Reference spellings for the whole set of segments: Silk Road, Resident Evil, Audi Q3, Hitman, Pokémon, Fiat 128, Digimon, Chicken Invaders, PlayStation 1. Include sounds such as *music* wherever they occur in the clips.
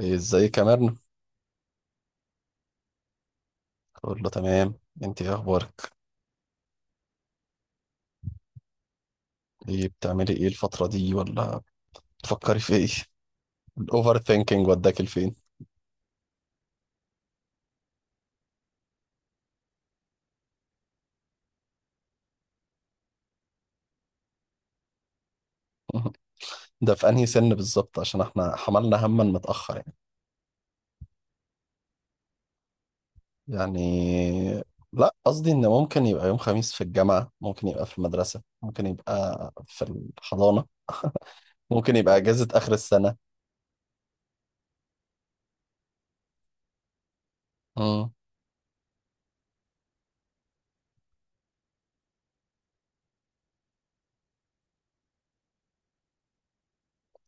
إيه، ازاي كمان؟ اقول له تمام. انت ايه اخبارك؟ ايه بتعملي ايه الفترة دي، ولا بتفكري في ايه؟ الاوفر ثينكينج وداك لفين. *laughs* ده في انهي سن بالظبط؟ عشان احنا حملنا هما متأخر يعني لا، قصدي ان ممكن يبقى يوم خميس في الجامعة، ممكن يبقى في المدرسة، ممكن يبقى في الحضانة، ممكن يبقى اجازة اخر السنة. امم.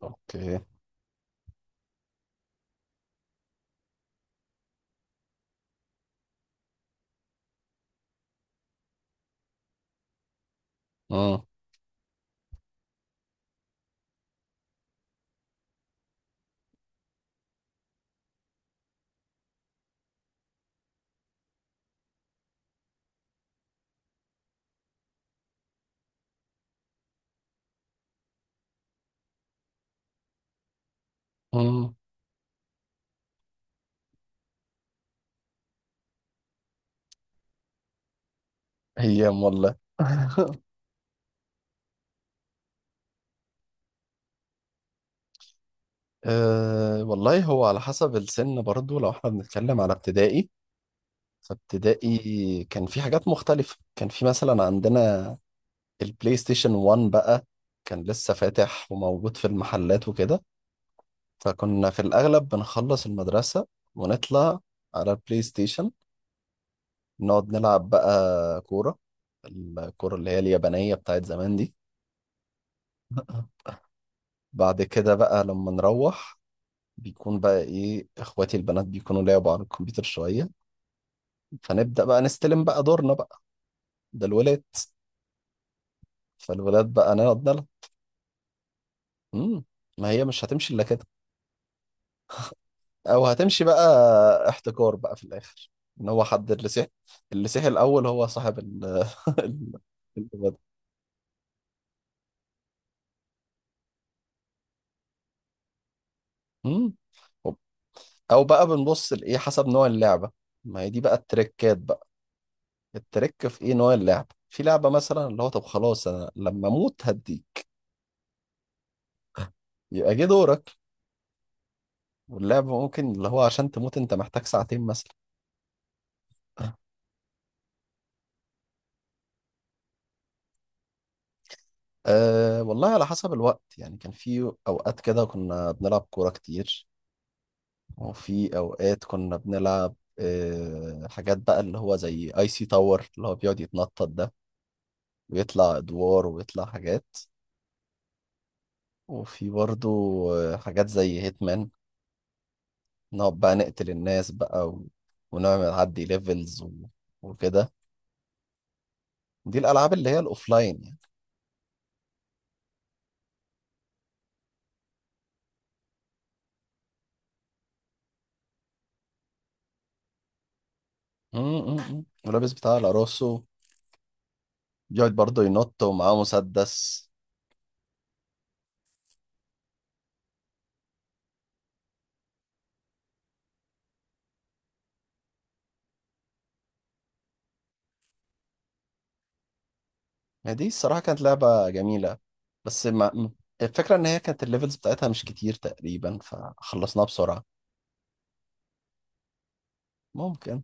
اوكي. امم. امم. ايام والله. *laughs* أه والله، هو على حسب السن برضو، لو احنا بنتكلم على ابتدائي. فابتدائي كان في حاجات مختلفة، كان في مثلا عندنا البلاي ستيشن 1 بقى، كان لسه فاتح وموجود في المحلات وكده. فكنا في الأغلب بنخلص المدرسة ونطلع على البلاي ستيشن، نقعد نلعب بقى كورة، الكورة اللي هي اليابانية بتاعت زمان دي. *laughs* بعد كده بقى لما نروح، بيكون بقى ايه، اخواتي البنات بيكونوا لعبوا على الكمبيوتر شوية، فنبدأ بقى نستلم بقى دورنا بقى، ده الولاد، فالولاد بقى نقعد لها. امم. ما هي مش هتمشي إلا كده، أو هتمشي بقى، احتكار بقى في الآخر، إن هو حد اللي سيح، اللي سيح الأول هو صاحب ال *laughs* ال- الولاد. امم. أو بقى بنبص لإيه حسب نوع اللعبة، ما هي دي بقى التريكات بقى. التريك في إيه نوع اللعبة، في لعبة مثلا اللي هو طب خلاص أنا لما أموت هديك يبقى جه دورك، واللعبة ممكن اللي هو عشان تموت أنت محتاج ساعتين مثلا. أه والله، على حسب الوقت يعني كان في أوقات كده كنا بنلعب كورة كتير، وفي أوقات كنا بنلعب حاجات بقى اللي هو زي اي سي تاور اللي هو بيقعد يتنطط ده، ويطلع أدوار ويطلع حاجات. وفي برضو حاجات زي هيتمان، نقعد بقى نقتل الناس بقى، ونعمل عدي ليفلز، وكده. دي الألعاب اللي هي الأوفلاين يعني. م- م- م. ولابس بتاع الأراسو، بيقعد برضو ينط ومعاه مسدس. يعني دي الصراحة كانت لعبة جميلة. بس ما الفكرة إن هي كانت الليفلز بتاعتها مش كتير تقريبا، فخلصناها بسرعة. ممكن.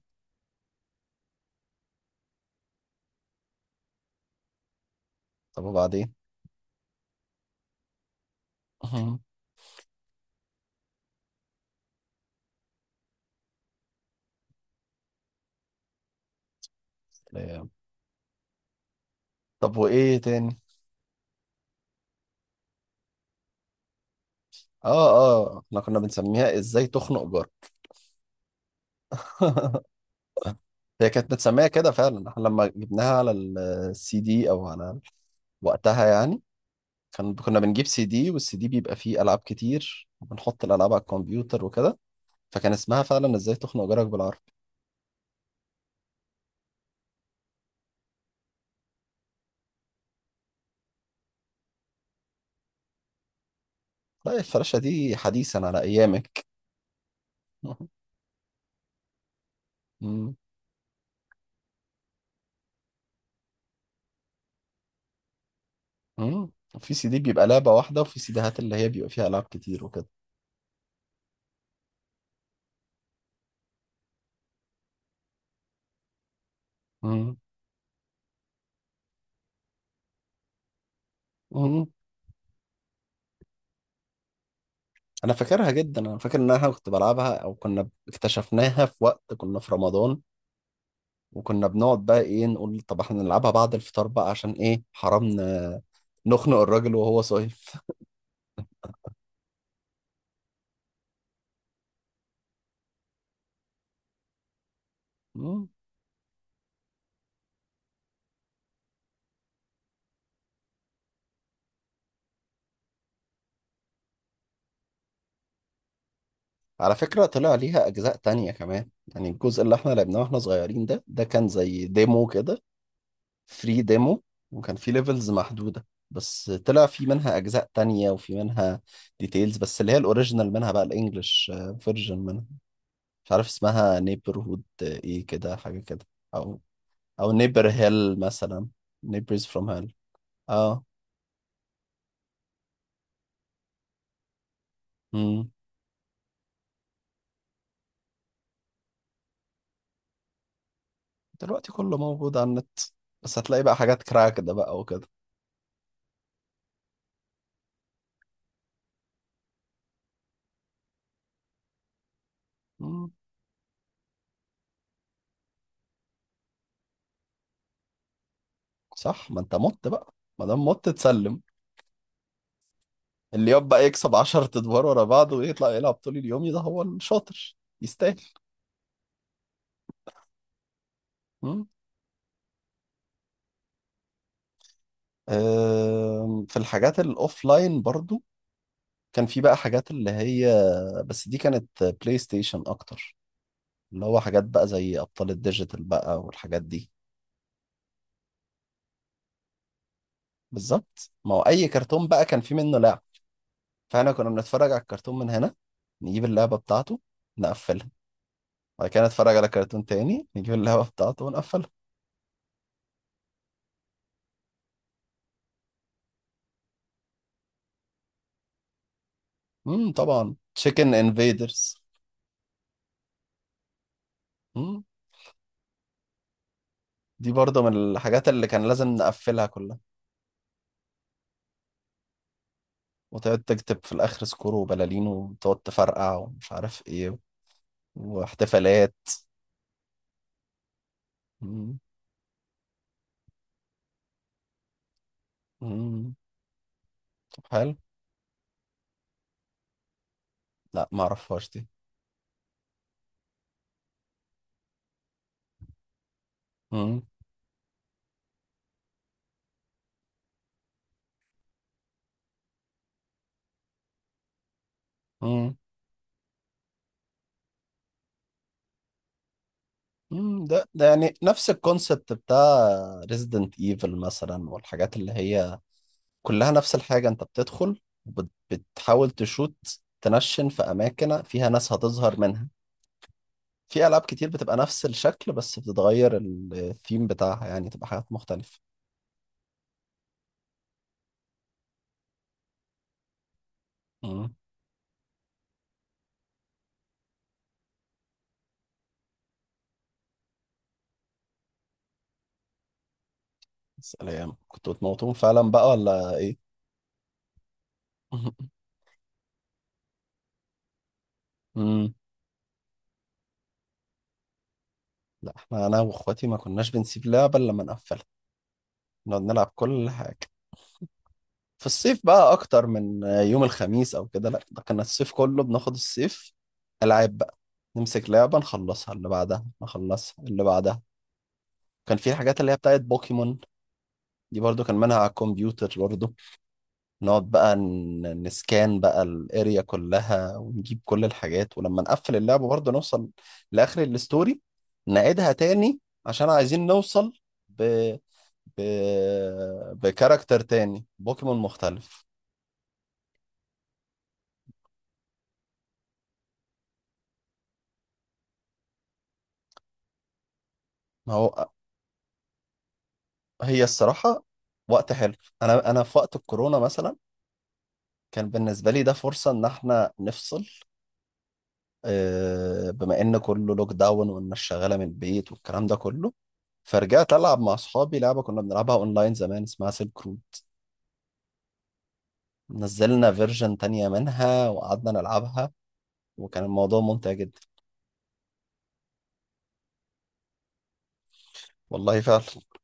طب وبعدين. *laughs* آه، طب وإيه تاني؟ آه آه، إحنا كنا بنسميها إزاي تخنق جار. *laughs* هي كانت متسمية كده فعلا. إحنا لما جبناها على السي دي أو على وقتها يعني، كنا بنجيب سي دي، والسي دي بيبقى فيه ألعاب كتير، وبنحط الألعاب على الكمبيوتر وكده. فكان اسمها فعلا إزاي تخنق جارك بالعربي. لا، الفراشة دي حديثا على أيامك. مم. مم. في سي دي بيبقى لعبة واحدة، وفي سيديهات اللي هي بيبقى فيها ألعاب كتير وكده. مم. مم. أنا فاكرها جدا، أنا فاكر إن أنا كنت بلعبها أو كنا اكتشفناها في وقت كنا في رمضان، وكنا بنقعد بقى إيه نقول طب إحنا نلعبها بعد الفطار بقى، عشان إيه حرام نخنق الراجل وهو صايم. مم. على فكرة طلع ليها أجزاء تانية كمان، يعني الجزء اللي إحنا لعبناه وإحنا صغيرين ده كان زي ديمو كده، فري ديمو. وكان في ليفلز محدودة، بس طلع في منها أجزاء تانية وفي منها ديتيلز، بس اللي هي الأوريجينال منها بقى الإنجليش فيرجن منها، مش عارف اسمها نيبرهود إيه كده حاجة كده، أو أو نيبر هيل مثلا، نيبرز فروم هيل. أه. مم. دلوقتي كله موجود على النت، بس هتلاقي بقى حاجات كراك ده بقى وكده. مم. صح، ما أنت مت بقى، ما دام مت تسلم. اللي يبقى يكسب 10 أدوار ورا بعض ويطلع يلعب طول اليوم ده هو الشاطر. يستاهل. مم. في الحاجات الاوفلاين برضو، كان في بقى حاجات اللي هي، بس دي كانت بلاي ستيشن اكتر، اللي هو حاجات بقى زي ابطال الديجيتال بقى والحاجات دي. بالظبط، ما هو اي كرتون بقى كان في منه لعب، فاحنا كنا بنتفرج على الكرتون من هنا، نجيب اللعبة بتاعته، نقفلها. بعد كده نتفرج على كرتون تاني، نجيب اللعبة بتاعته ونقفلها. طبعا، تشيكن انفيدرز. امم دي برضو من الحاجات اللي كان لازم نقفلها كلها، وتقعد تكتب في الآخر سكور وبلالين وتقعد تفرقع ومش عارف إيه، واحتفالات. مم. مم. طب، حلو. لا، ما أعرفهاش دي. مم. مم. مم. ده يعني نفس الكونسبت بتاع ريزيدنت ايفل مثلا، والحاجات اللي هي كلها نفس الحاجة، انت بتدخل بتحاول تشوت، تنشن في أماكن فيها ناس هتظهر منها. في ألعاب كتير بتبقى نفس الشكل، بس بتتغير الثيم بتاعها، يعني تبقى حاجات مختلفة. سلام، كنتوا بتموتون فعلا بقى ولا ايه؟ *laughs* امم. لا، احنا انا واخواتي ما كناش بنسيب لعبة الا لما نقفلها، نقعد نلعب كل حاجة. في الصيف بقى اكتر من يوم الخميس او كده، لا ده كان الصيف كله، بناخد الصيف العاب بقى. نمسك لعبة نخلصها، اللي بعدها نخلصها، اللي بعدها. كان في حاجات اللي هي بتاعت بوكيمون، دي برضو كان منها على الكمبيوتر برضو. نقعد بقى نسكان بقى الاريا كلها، ونجيب كل الحاجات، ولما نقفل اللعبة برضه نوصل لآخر الستوري، نعيدها تاني عشان عايزين نوصل ب... ب... بكاركتر تاني بوكيمون مختلف. ما هو هي الصراحة وقت حلو. انا في وقت الكورونا مثلا، كان بالنسبة لي ده فرصة ان احنا نفصل، بما ان كله لوك داون والناس شغاله من البيت والكلام ده كله. فرجعت العب مع اصحابي لعبه كنا بنلعبها اونلاين زمان، اسمها سيلك رود. نزلنا فيرجن تانية منها وقعدنا نلعبها، وكان الموضوع ممتع جدا. والله فعلا.